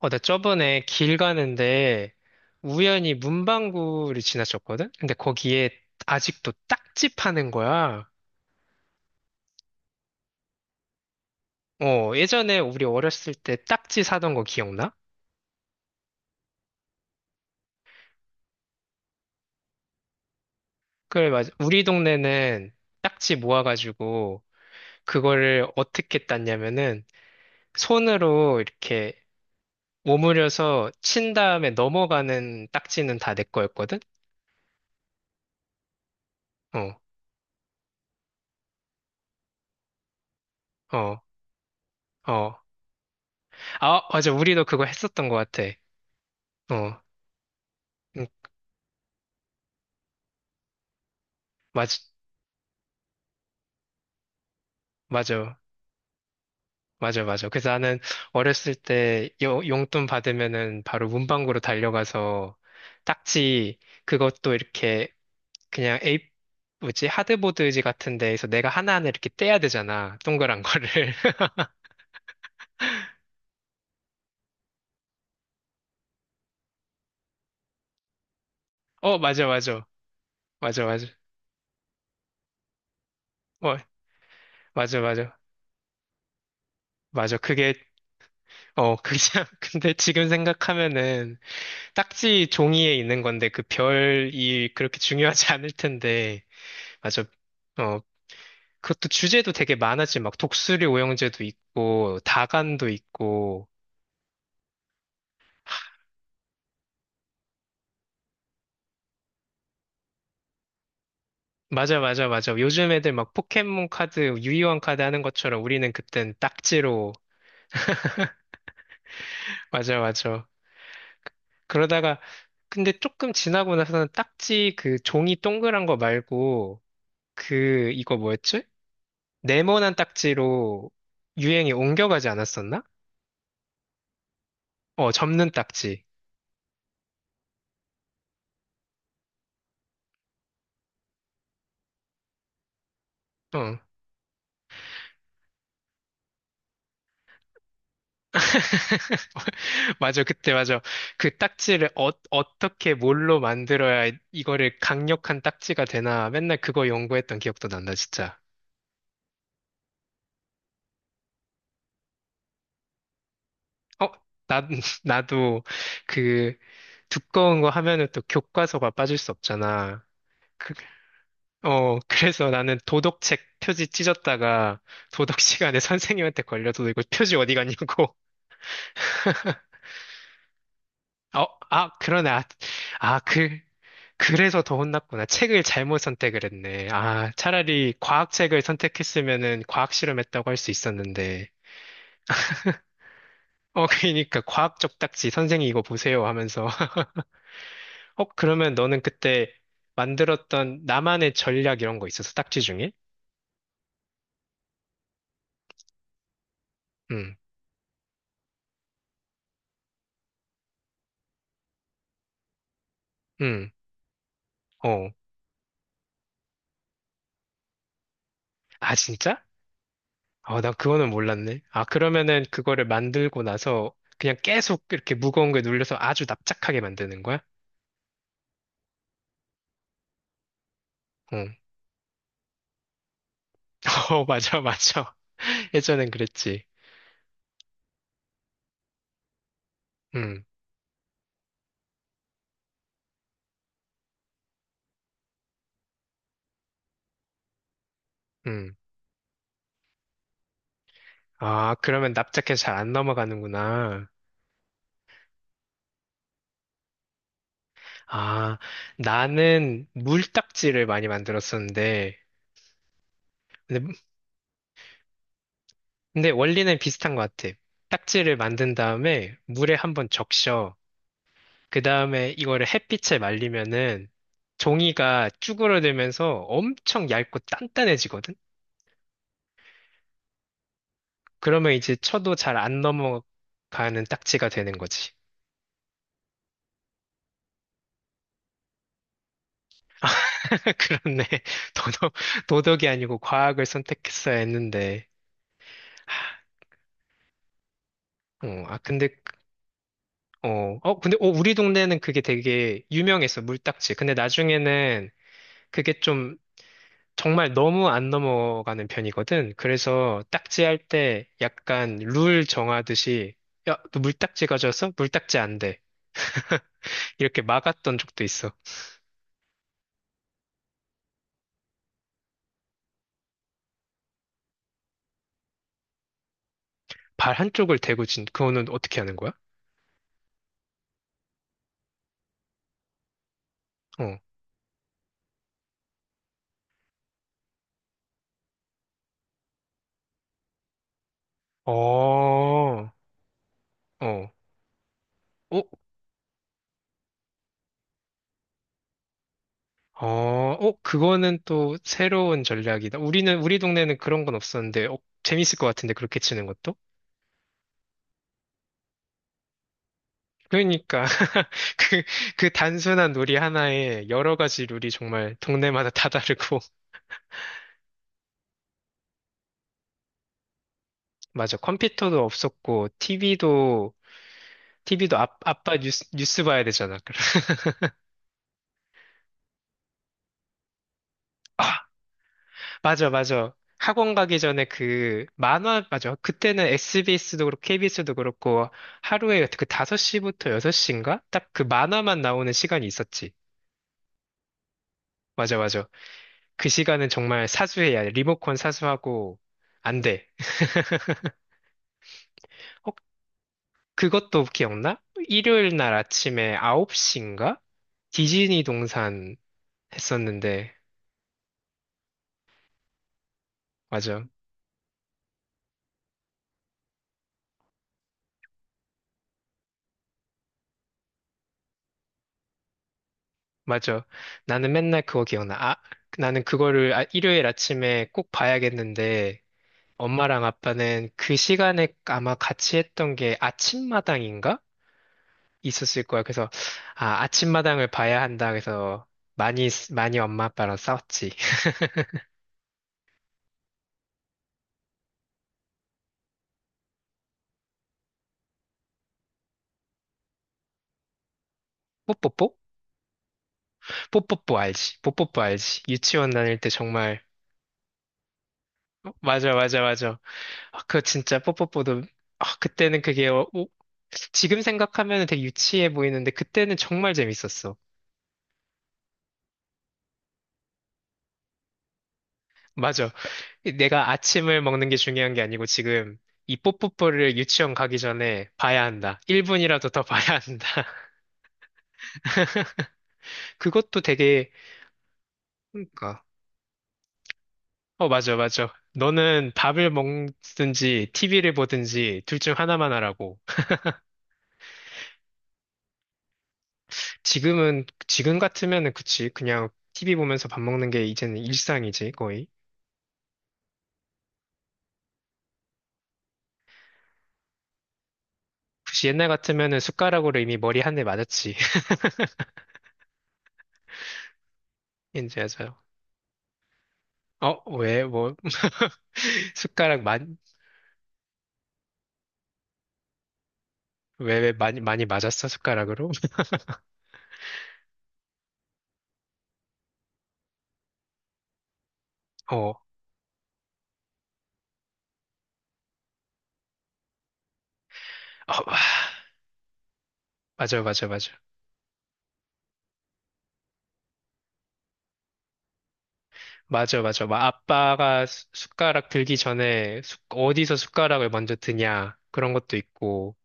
나 저번에 길 가는데 우연히 문방구를 지나쳤거든? 근데 거기에 아직도 딱지 파는 거야. 예전에 우리 어렸을 때 딱지 사던 거 기억나? 그래, 맞아. 우리 동네는 딱지 모아가지고 그거를 어떻게 땄냐면은 손으로 이렇게 오므려서 친 다음에 넘어가는 딱지는 다 내 거였거든? 어, 어, 어. 아, 어, 맞아. 우리도 그거 했었던 것 같아. 어, 음, 맞아. 맞아. 맞아, 맞아. 그래서 나는 어렸을 때 용돈 받으면은 바로 문방구로 달려가서 딱지 그것도 이렇게 그냥 에이, 뭐지? 하드보드지 같은 데에서 내가 하나하나 이렇게 떼야 되잖아. 동그란 거를. 어, 맞아, 맞아. 맞아, 맞아. 어, 맞아, 맞아. 맞아. 그게, 그냥, 근데 지금 생각하면은 딱지 종이에 있는 건데 그 별이 그렇게 중요하지 않을 텐데. 맞아. 어, 그것도 주제도 되게 많았지. 막 독수리 오형제도 있고, 다간도 있고. 맞아, 맞아, 맞아. 요즘 애들 막 포켓몬 카드, 유희왕 카드 하는 것처럼 우리는 그땐 딱지로. 맞아, 맞아. 그러다가, 근데 조금 지나고 나서는 딱지 그 종이 동그란 거 말고, 그, 이거 뭐였지? 네모난 딱지로 유행이 옮겨가지 않았었나? 어, 접는 딱지. 어. 맞아, 그때 맞아. 그 딱지를 어떻게 뭘로 만들어야 이거를 강력한 딱지가 되나 맨날 그거 연구했던 기억도 난다, 진짜. 어, 나, 나도 그 두꺼운 거 하면은 또 교과서가 빠질 수 없잖아. 그, 그래서 나는 도덕책 표지 찢었다가 도덕 시간에 선생님한테 걸려서 너 이거 표지 어디 갔냐고. 어, 아, 그러네. 아, 아, 그래서 더 혼났구나. 책을 잘못 선택을 했네. 아, 차라리 과학책을 선택했으면은 과학 실험했다고 할 수 있었는데. 어, 그러니까 과학적 딱지 선생님 이거 보세요 하면서. 어, 그러면 너는 그때 만들었던 나만의 전략 이런 거 있었어? 딱지 중에? 응, 응, 어. 아, 진짜? 어, 나 그거는 몰랐네. 아, 그러면은 그거를 만들고 나서 그냥 계속 이렇게 무거운 거에 눌려서 아주 납작하게 만드는 거야? 어. 어, 맞아, 맞아. 예전엔 그랬지. 음, 음. 아, 그러면 납작해서 잘 안 넘어가는구나. 아, 나는 물딱지를 많이 만들었었는데, 근데, 근데 원리는 비슷한 것 같아. 딱지를 만든 다음에 물에 한번 적셔. 그 다음에 이거를 햇빛에 말리면은 종이가 쭈그러들면서 엄청 얇고 단단해지거든? 그러면 이제 쳐도 잘 안 넘어가는 딱지가 되는 거지. 그렇네. 도덕, 도덕이 아니고 과학을 선택했어야 했는데. 어, 아, 근데 우리 동네는 그게 되게 유명했어, 물딱지. 근데 나중에는 그게 좀 정말 너무 안 넘어가는 편이거든. 그래서 딱지 할 때 약간 룰 정하듯이, 야, 너 물딱지 가져왔어? 물딱지 안 돼. 이렇게 막았던 적도 있어. 발 한쪽을 대고 그거는 어떻게 하는 거야? 어, 어, 어. 어, 어, 어, 그거는 또 새로운 전략이다. 우리 동네는 그런 건 없었는데, 재밌을 것 같은데, 그렇게 치는 것도? 그러니까, 그, 그 단순한 놀이 하나에 여러 가지 룰이 정말 동네마다 다 다르고. 맞아. 컴퓨터도 없었고, TV도 아, 아빠 뉴스 봐야 되잖아. 그래. 아, 맞아, 맞아. 학원 가기 전에 그 만화, 맞아. 그때는 SBS도 그렇고, KBS도 그렇고, 하루에 그 5시부터 6시인가? 딱 그 만화만 나오는 시간이 있었지. 맞아, 맞아. 그 시간은 정말 사수해야 돼. 리모컨 사수하고, 안 돼. 어, 그것도 기억나? 일요일 날 아침에 9시인가? 디즈니 동산 했었는데, 맞아, 맞아. 나는 맨날 그거 기억나. 아, 나는 그거를 일요일 아침에 꼭 봐야겠는데, 엄마랑 아빠는 그 시간에 아마 같이 했던 게 아침마당인가? 있었을 거야. 그래서, 아, 아침마당을 봐야 한다. 그래서, 많이, 많이 엄마 아빠랑 싸웠지. 뽀뽀뽀? 뽀뽀뽀 알지? 뽀뽀뽀 알지? 유치원 다닐 때 정말 어, 맞아 맞아 맞아. 아, 그거 진짜 뽀뽀뽀도 아, 그때는 그게 지금 생각하면 되게 유치해 보이는데 그때는 정말 재밌었어. 맞아. 내가 아침을 먹는 게 중요한 게 아니고 지금 이 뽀뽀뽀를 유치원 가기 전에 봐야 한다. 1분이라도 더 봐야 한다. 그것도 되게 그러니까 어 맞아 맞아. 너는 밥을 먹든지 TV를 보든지 둘 중 하나만 하라고. 지금 같으면은 그치. 그냥 TV 보면서 밥 먹는 게 이제는 일상이지, 거의. 굳이 옛날 같으면은 숟가락으로 이미 머리 한 대 맞았지. 이제서. 어, 왜, 뭐, 숟가락 많이, 왜 많이, 많이 맞았어, 숟가락으로? 어, 어, 와. 맞아, 맞아, 맞아. 맞아, 맞아. 막 아빠가 숟가락 들기 전에 어디서 숟가락을 먼저 드냐, 그런 것도 있고.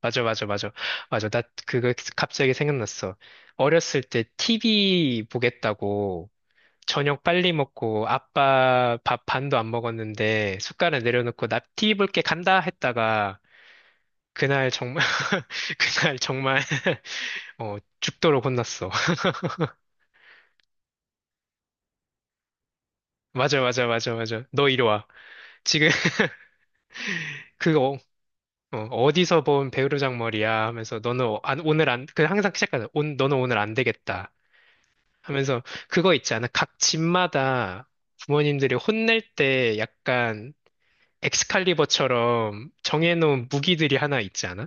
맞아, 맞아, 맞아. 맞아. 나 그거 갑자기 생각났어. 어렸을 때 TV 보겠다고 저녁 빨리 먹고 아빠 밥 반도 안 먹었는데 숟가락 내려놓고 나 TV 볼게 간다 했다가 그날 정말, 그날 정말, 어, 죽도록 혼났어. 맞아, 맞아, 맞아, 맞아. 너 이리 와. 지금 그거 어디서 본 배우로장 머리야 하면서 너는 오늘 안, 그 항상 시작하잖아. 너는 오늘 안 되겠다. 하면서 그거 있지 않아? 각 집마다 부모님들이 혼낼 때 약간 엑스칼리버처럼 정해놓은 무기들이 하나 있지 않아?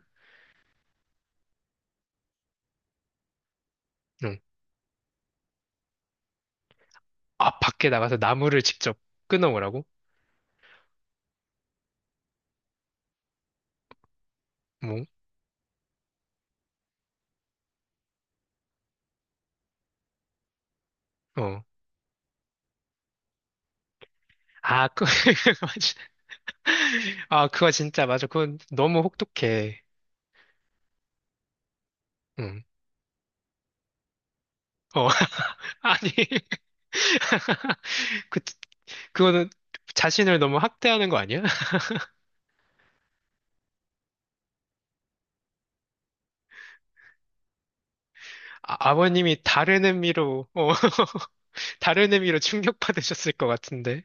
응. 아, 밖에 나가서 나무를 직접 끊어오라고? 뭐, 어. 아, 그, 맞아. 아, 그거 진짜 맞아. 그건 너무 혹독해. 응. 어, 아니. 그, 그거는 자신을 너무 학대하는 거 아니야? 아, 버님이 다른 의미로, 다른 의미로 충격받으셨을 것 같은데.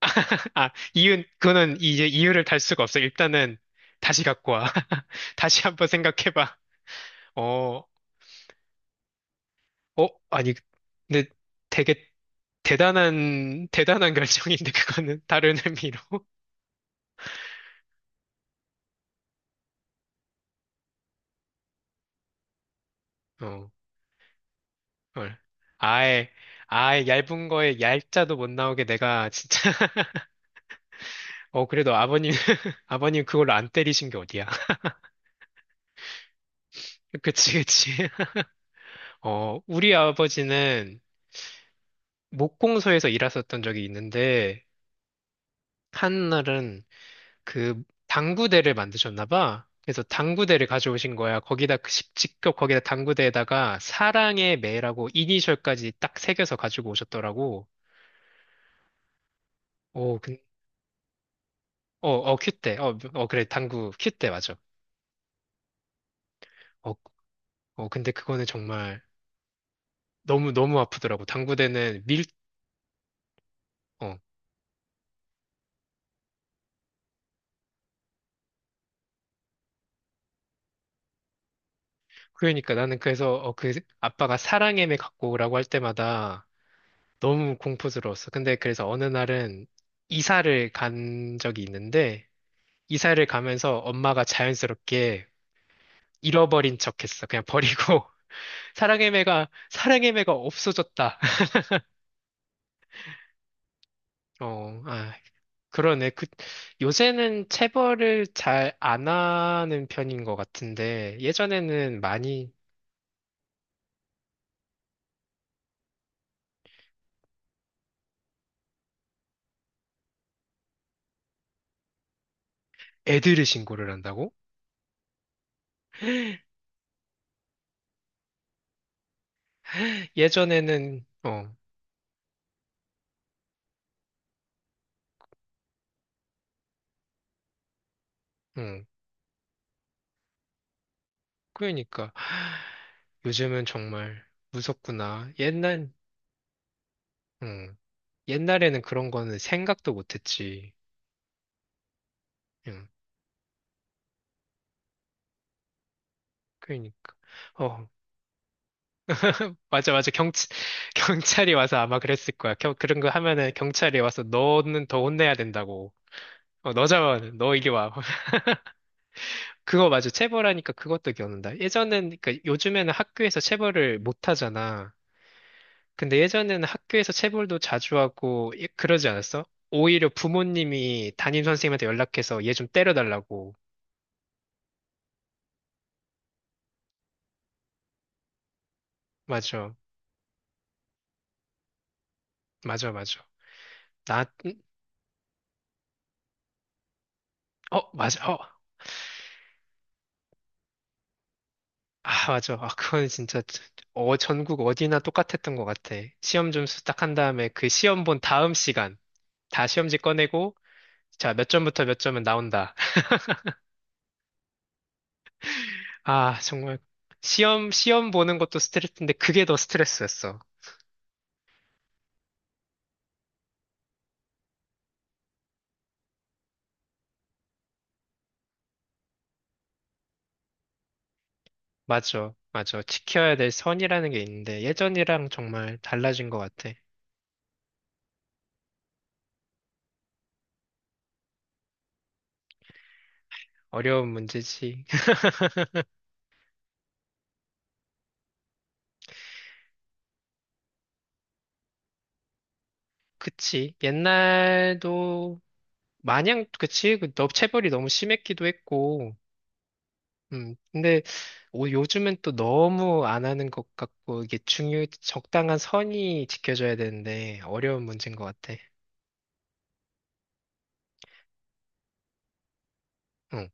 아, 그거는 이제 이유를 달 수가 없어. 일단은 다시 갖고 와. 다시 한번 생각해봐. 어, 어, 아니, 근데 되게 대단한, 대단한 결정인데, 그거는 다른 의미로. 어, 헐. 아예, 아예 얇은 거에 얄자도 못 나오게 내가 진짜. 어, 그래도 아버님, 아버님 그걸로 안 때리신 게 어디야. 그치, 그치. 어, 우리 아버지는 목공소에서 일하셨던 적이 있는데, 한날은 그 당구대를 만드셨나 봐. 그래서 당구대를 가져오신 거야. 거기다, 그 직접 거기다 당구대에다가 사랑의 매라고 이니셜까지 딱 새겨서 가지고 오셨더라고. 어, 근, 어, 어, 큐대. 어, 어, 그래, 당구, 큐대 맞아. 어, 어, 근데 그거는 정말 너무, 너무 아프더라고. 당구대는 밀, 어, 그러니까 나는 그래서 아빠가 사랑해매 갖고 오라고 할 때마다 너무 공포스러웠어. 근데 그래서 어느 날은 이사를 간 적이 있는데 이사를 가면서 엄마가 자연스럽게 잃어버린 척했어. 그냥 버리고 사랑해매가 없어졌다. 어, 아, 그러네. 요새는 체벌을 잘 안 하는 편인 것 같은데 예전에는 많이 애들을 신고를 한다고? 예전에는 음. 그러니까 요즘은 정말 무섭구나. 음, 옛날에는 그런 거는 생각도 못했지. 음, 그러니까. 어, 맞아, 맞아. 경, 경찰이 와서 아마 그랬을 거야. 그런 거 하면은 경찰이 와서 너는 더 혼내야 된다고. 어, 너 잡아는 너 이리 와. 그거 맞아. 체벌하니까 그것도 기억난다. 예전엔, 그러니까 요즘에는 학교에서 체벌을 못 하잖아. 근데 예전에는 학교에서 체벌도 자주 하고 그러지 않았어? 오히려 부모님이 담임 선생님한테 연락해서 얘 좀 때려달라고. 맞아, 맞아, 맞아. 나, 어, 맞아, 어, 아, 맞아. 아, 그건 진짜 전국 어디나 똑같았던 것 같아. 시험 점수 딱 한 다음에 그 시험 본 다음 시간 다 시험지 꺼내고 자, 몇 점부터 몇 점은 나온다. 아, 정말 시험 보는 것도 스트레스인데 그게 더 스트레스였어. 맞아, 맞아. 지켜야 될 선이라는 게 있는데 예전이랑 정말 달라진 것 같아. 어려운 문제지. 그치. 옛날도 마냥 그치. 체벌이 너무 심했기도 했고. 근데 요즘은 또 너무 안 하는 것 같고 이게 중요 적당한 선이 지켜져야 되는데 어려운 문제인 것 같아. 응,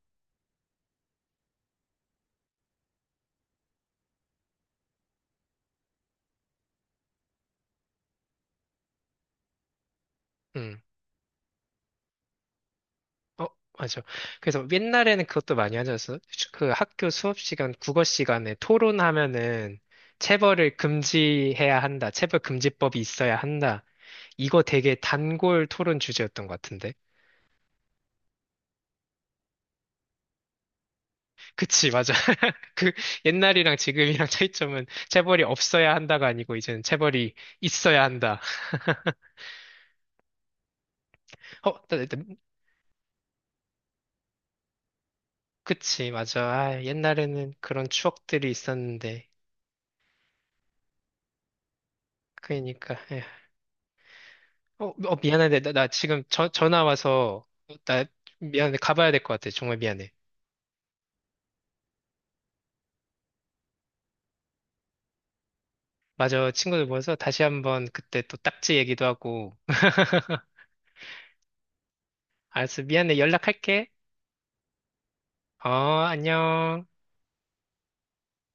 응. 어, 맞아. 그래서 옛날에는 그것도 많이 하지 않았어? 그 학교 수업 시간, 국어 시간에 토론하면은 체벌을 금지해야 한다. 체벌 금지법이 있어야 한다. 이거 되게 단골 토론 주제였던 것 같은데. 그치, 맞아. 그 옛날이랑 지금이랑 차이점은 체벌이 없어야 한다가 아니고 이제는 체벌이 있어야 한다. 어, 그치, 맞아. 아, 옛날에는 그런 추억들이 있었는데. 그러니까. 예. 어, 어, 미안한데, 나 지금 전화 와서, 나 미안해, 가봐야 될 것 같아. 정말 미안해. 맞아, 친구들 모여서 다시 한번 그때 또 딱지 얘기도 하고. 알았어, 미안해, 연락할게. 어, 안녕.